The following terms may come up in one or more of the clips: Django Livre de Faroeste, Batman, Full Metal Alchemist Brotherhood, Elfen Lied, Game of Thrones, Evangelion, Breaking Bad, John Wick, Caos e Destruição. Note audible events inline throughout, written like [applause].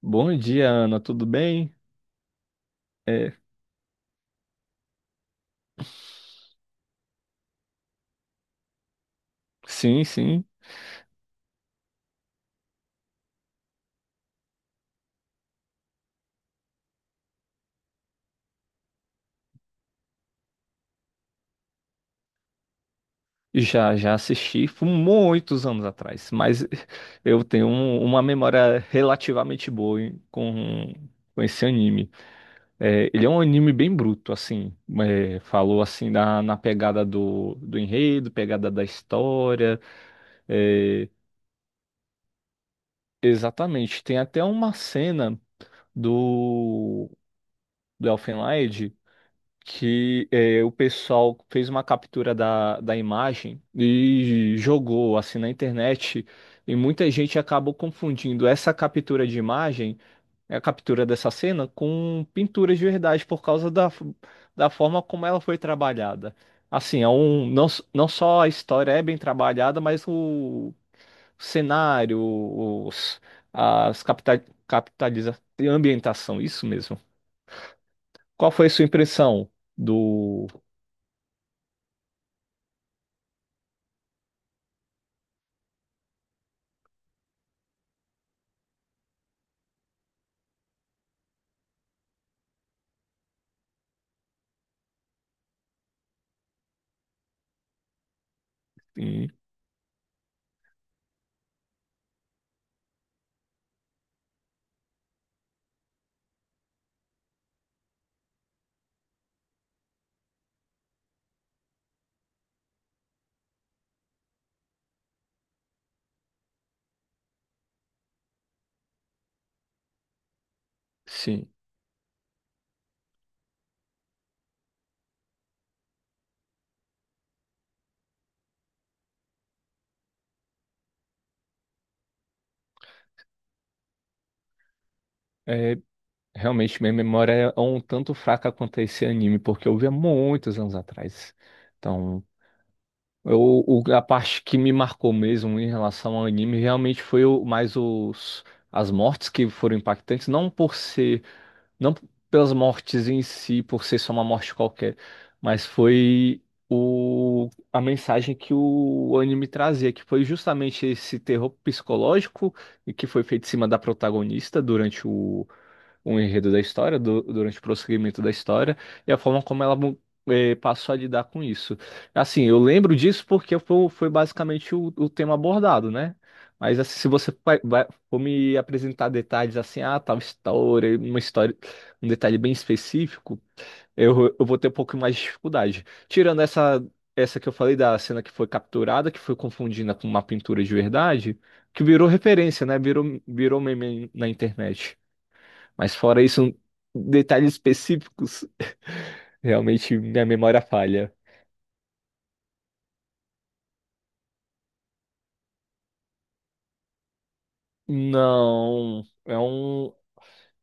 Bom dia, Ana, tudo bem? É, sim, sim, já assisti, foi muitos anos atrás, mas [laughs] eu tenho uma memória relativamente boa com esse anime. É, ele é um anime bem bruto, assim, falou assim na pegada do enredo, pegada da história. É, exatamente. Tem até uma cena do, do Elfen Lied que o pessoal fez uma captura da imagem e jogou assim na internet. E muita gente acabou confundindo essa captura de imagem, a captura dessa cena, com pintura de verdade, por causa da forma como ela foi trabalhada. Assim, não, s- não só a história é bem trabalhada, mas o cenário, os, as capita, capitaliza, ambientação, isso mesmo. Qual foi a sua impressão do. Sim, é, realmente minha memória é um tanto fraca quanto a esse anime, porque eu vi há muitos anos atrás. Então, eu, a parte que me marcou mesmo em relação ao anime realmente foi as mortes que foram impactantes. Não por ser, não pelas mortes em si, por ser só uma morte qualquer, mas foi a mensagem que o anime trazia, que foi justamente esse terror psicológico e que foi feito em cima da protagonista durante o enredo da história, durante o prosseguimento da história, e a forma como ela passou a lidar com isso. Assim, eu lembro disso porque foi, basicamente o tema abordado, né? Mas assim, se você for me apresentar detalhes assim, ah, tal história, uma história, um detalhe bem específico, eu vou ter um pouco mais de dificuldade. Tirando essa que eu falei da cena que foi capturada, que foi confundida com uma pintura de verdade, que virou referência, né? Virou meme na internet. Mas fora isso, detalhes específicos, [laughs] realmente minha memória falha. Não.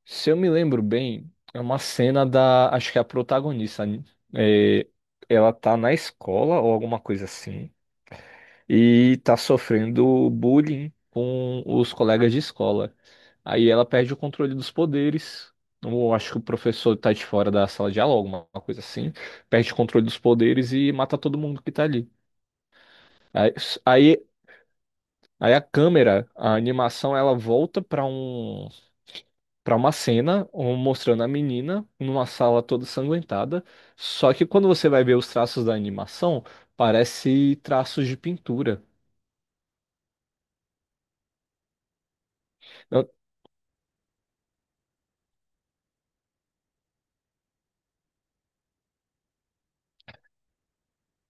Se eu me lembro bem, é uma cena da. Acho que é a protagonista, né? É, ela tá na escola ou alguma coisa assim. E tá sofrendo bullying com os colegas de escola. Aí ela perde o controle dos poderes. Eu acho que o professor tá de fora da sala de aula, alguma coisa assim. Perde o controle dos poderes e mata todo mundo que tá ali. Aí, aí, aí, a câmera, a animação, ela volta para uma mostrando a menina numa sala toda sanguentada. Só que quando você vai ver os traços da animação, parece traços de pintura. Eu-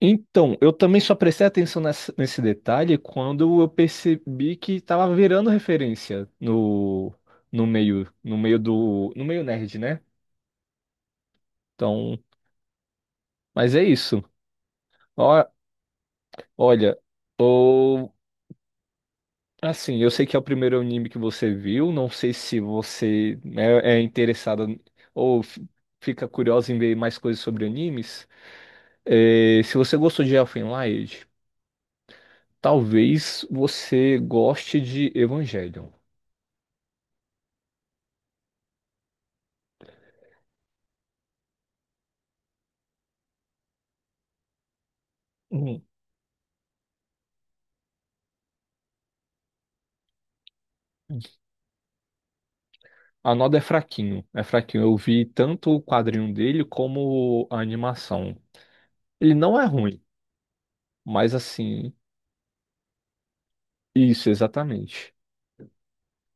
Então, eu também só prestei atenção nesse detalhe quando eu percebi que estava virando referência no meio nerd, né? Então, mas é isso. Ó- Olha, assim, eu sei que é o primeiro anime que você viu, não sei se você é interessada ou fica curiosa em ver mais coisas sobre animes. É, se você gostou de Elfen Lied, talvez você goste de Evangelion. Hum. A Noda é fraquinho, é fraquinho. Eu vi tanto o quadrinho dele como a animação. Ele não é ruim, mas assim, isso, exatamente.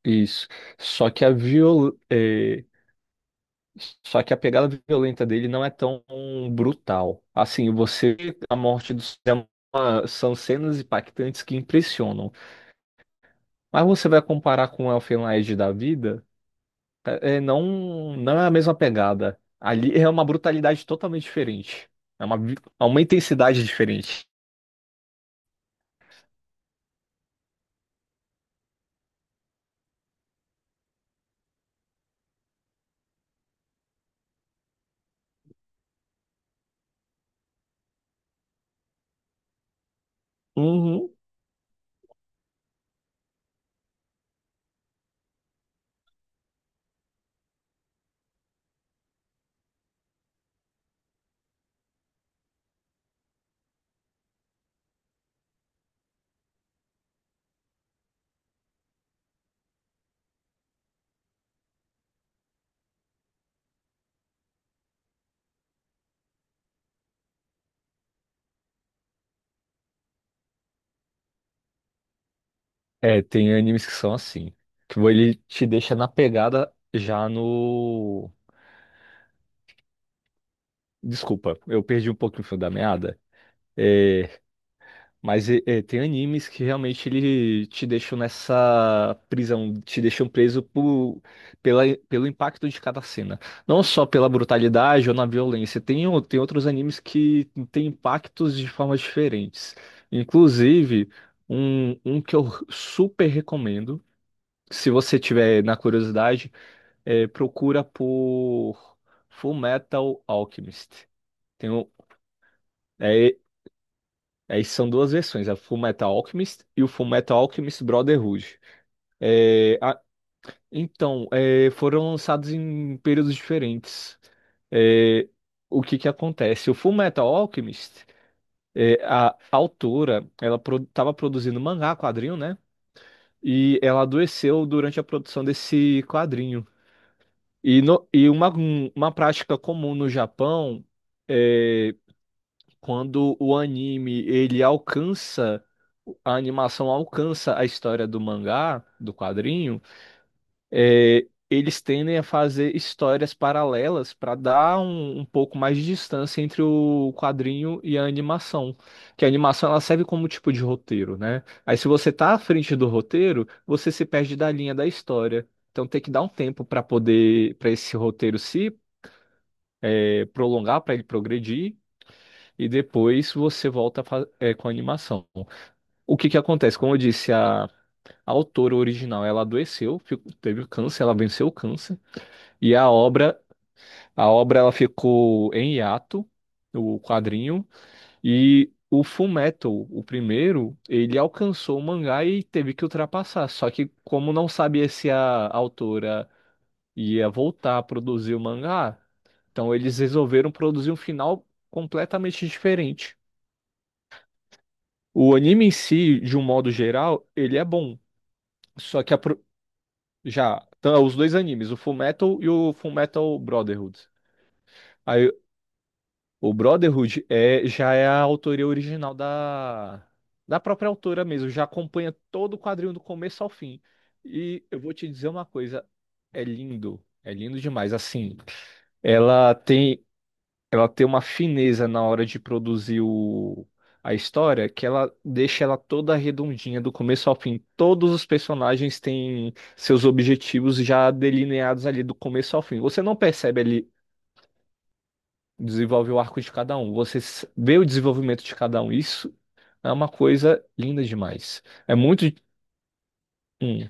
Isso. Só que a viol eh, Só que a pegada violenta dele não é tão brutal. Assim, você, a morte do Sam, são cenas impactantes que impressionam. Mas você vai comparar com o Elfen Lied da vida. Não, não é a mesma pegada. Ali é uma brutalidade totalmente diferente. É uma intensidade diferente. Uhum. É, tem animes que são assim. Que ele te deixa na pegada já no. Desculpa, eu perdi um pouquinho o fio da meada. É, Mas tem animes que realmente ele te deixam nessa prisão, te deixam preso pelo impacto de cada cena. Não só pela brutalidade ou na violência. Tem outros animes que têm impactos de formas diferentes. Inclusive, um que eu super recomendo, se você tiver na curiosidade, procura por Full Metal Alchemist. Tem um, Aí são duas versões, a Full Metal Alchemist e o Full Metal Alchemist Brotherhood. É, a- então, foram lançados em períodos diferentes. É, o que que acontece? O Full Metal Alchemist, a autora, ela estava produzindo mangá, quadrinho, né? E ela adoeceu durante a produção desse quadrinho. E, uma prática comum no Japão é, quando o anime ele alcança, a animação alcança a história do mangá, do quadrinho, eles tendem a fazer histórias paralelas para dar um pouco mais de distância entre o quadrinho e a animação. Que a animação ela serve como tipo de roteiro, né? Aí se você tá à frente do roteiro, você se perde da linha da história. Então tem que dar um tempo para poder, para esse roteiro se prolongar, para ele progredir e depois você volta a com a animação. O que que acontece? Como eu disse, a autora original, ela adoeceu, teve câncer, ela venceu o câncer, e a obra ela ficou em hiato, o quadrinho, e o Fullmetal, o primeiro, ele alcançou o mangá e teve que ultrapassar, só que como não sabia se a autora ia voltar a produzir o mangá, então eles resolveram produzir um final completamente diferente. O anime em si, de um modo geral, ele é bom. Só que a pro- já, tá, os dois animes, o Fullmetal e o Fullmetal Brotherhood. Aí, o Brotherhood já é a autoria original da própria autora mesmo, já acompanha todo o quadrinho do começo ao fim. E eu vou te dizer uma coisa, é lindo demais. Assim, ela tem. ela tem uma fineza na hora de produzir a história que ela deixa ela toda redondinha do começo ao fim. Todos os personagens têm seus objetivos já delineados ali do começo ao fim. Você não percebe ali, desenvolve o arco de cada um, você vê o desenvolvimento de cada um. Isso é uma coisa linda demais. É muito. Hum,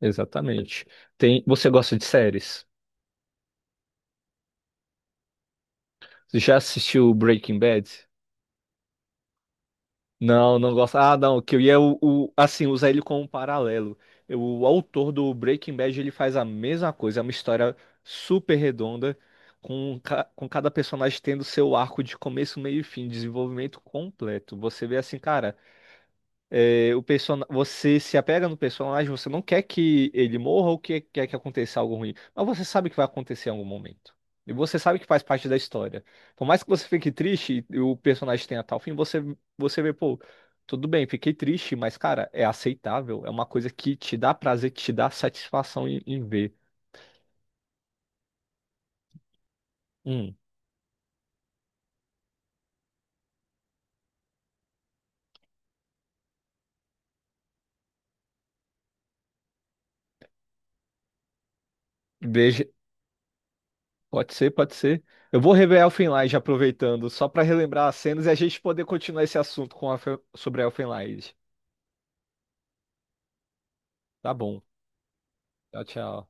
exatamente. Você gosta de séries? Você já assistiu Breaking Bad? Não, não gosto. Ah, não, que eu ia assim, usar ele como um paralelo. O autor do Breaking Bad, ele faz a mesma coisa, é uma história super redonda, com cada personagem tendo seu arco de começo, meio e fim, desenvolvimento completo. Você vê assim, cara, você se apega no personagem, você não quer que ele morra ou que quer que aconteça algo ruim, mas você sabe que vai acontecer em algum momento. E você sabe que faz parte da história. Por mais que você fique triste e o personagem tenha tal fim, você vê, pô, tudo bem, fiquei triste, mas, cara, é aceitável. É uma coisa que te dá prazer, que te dá satisfação em ver. Hum, veja. Pode ser, pode ser. Eu vou rever Elfenlight aproveitando, só pra relembrar as cenas e a gente poder continuar esse assunto sobre Elfenlight. Tá bom. Tchau, tchau.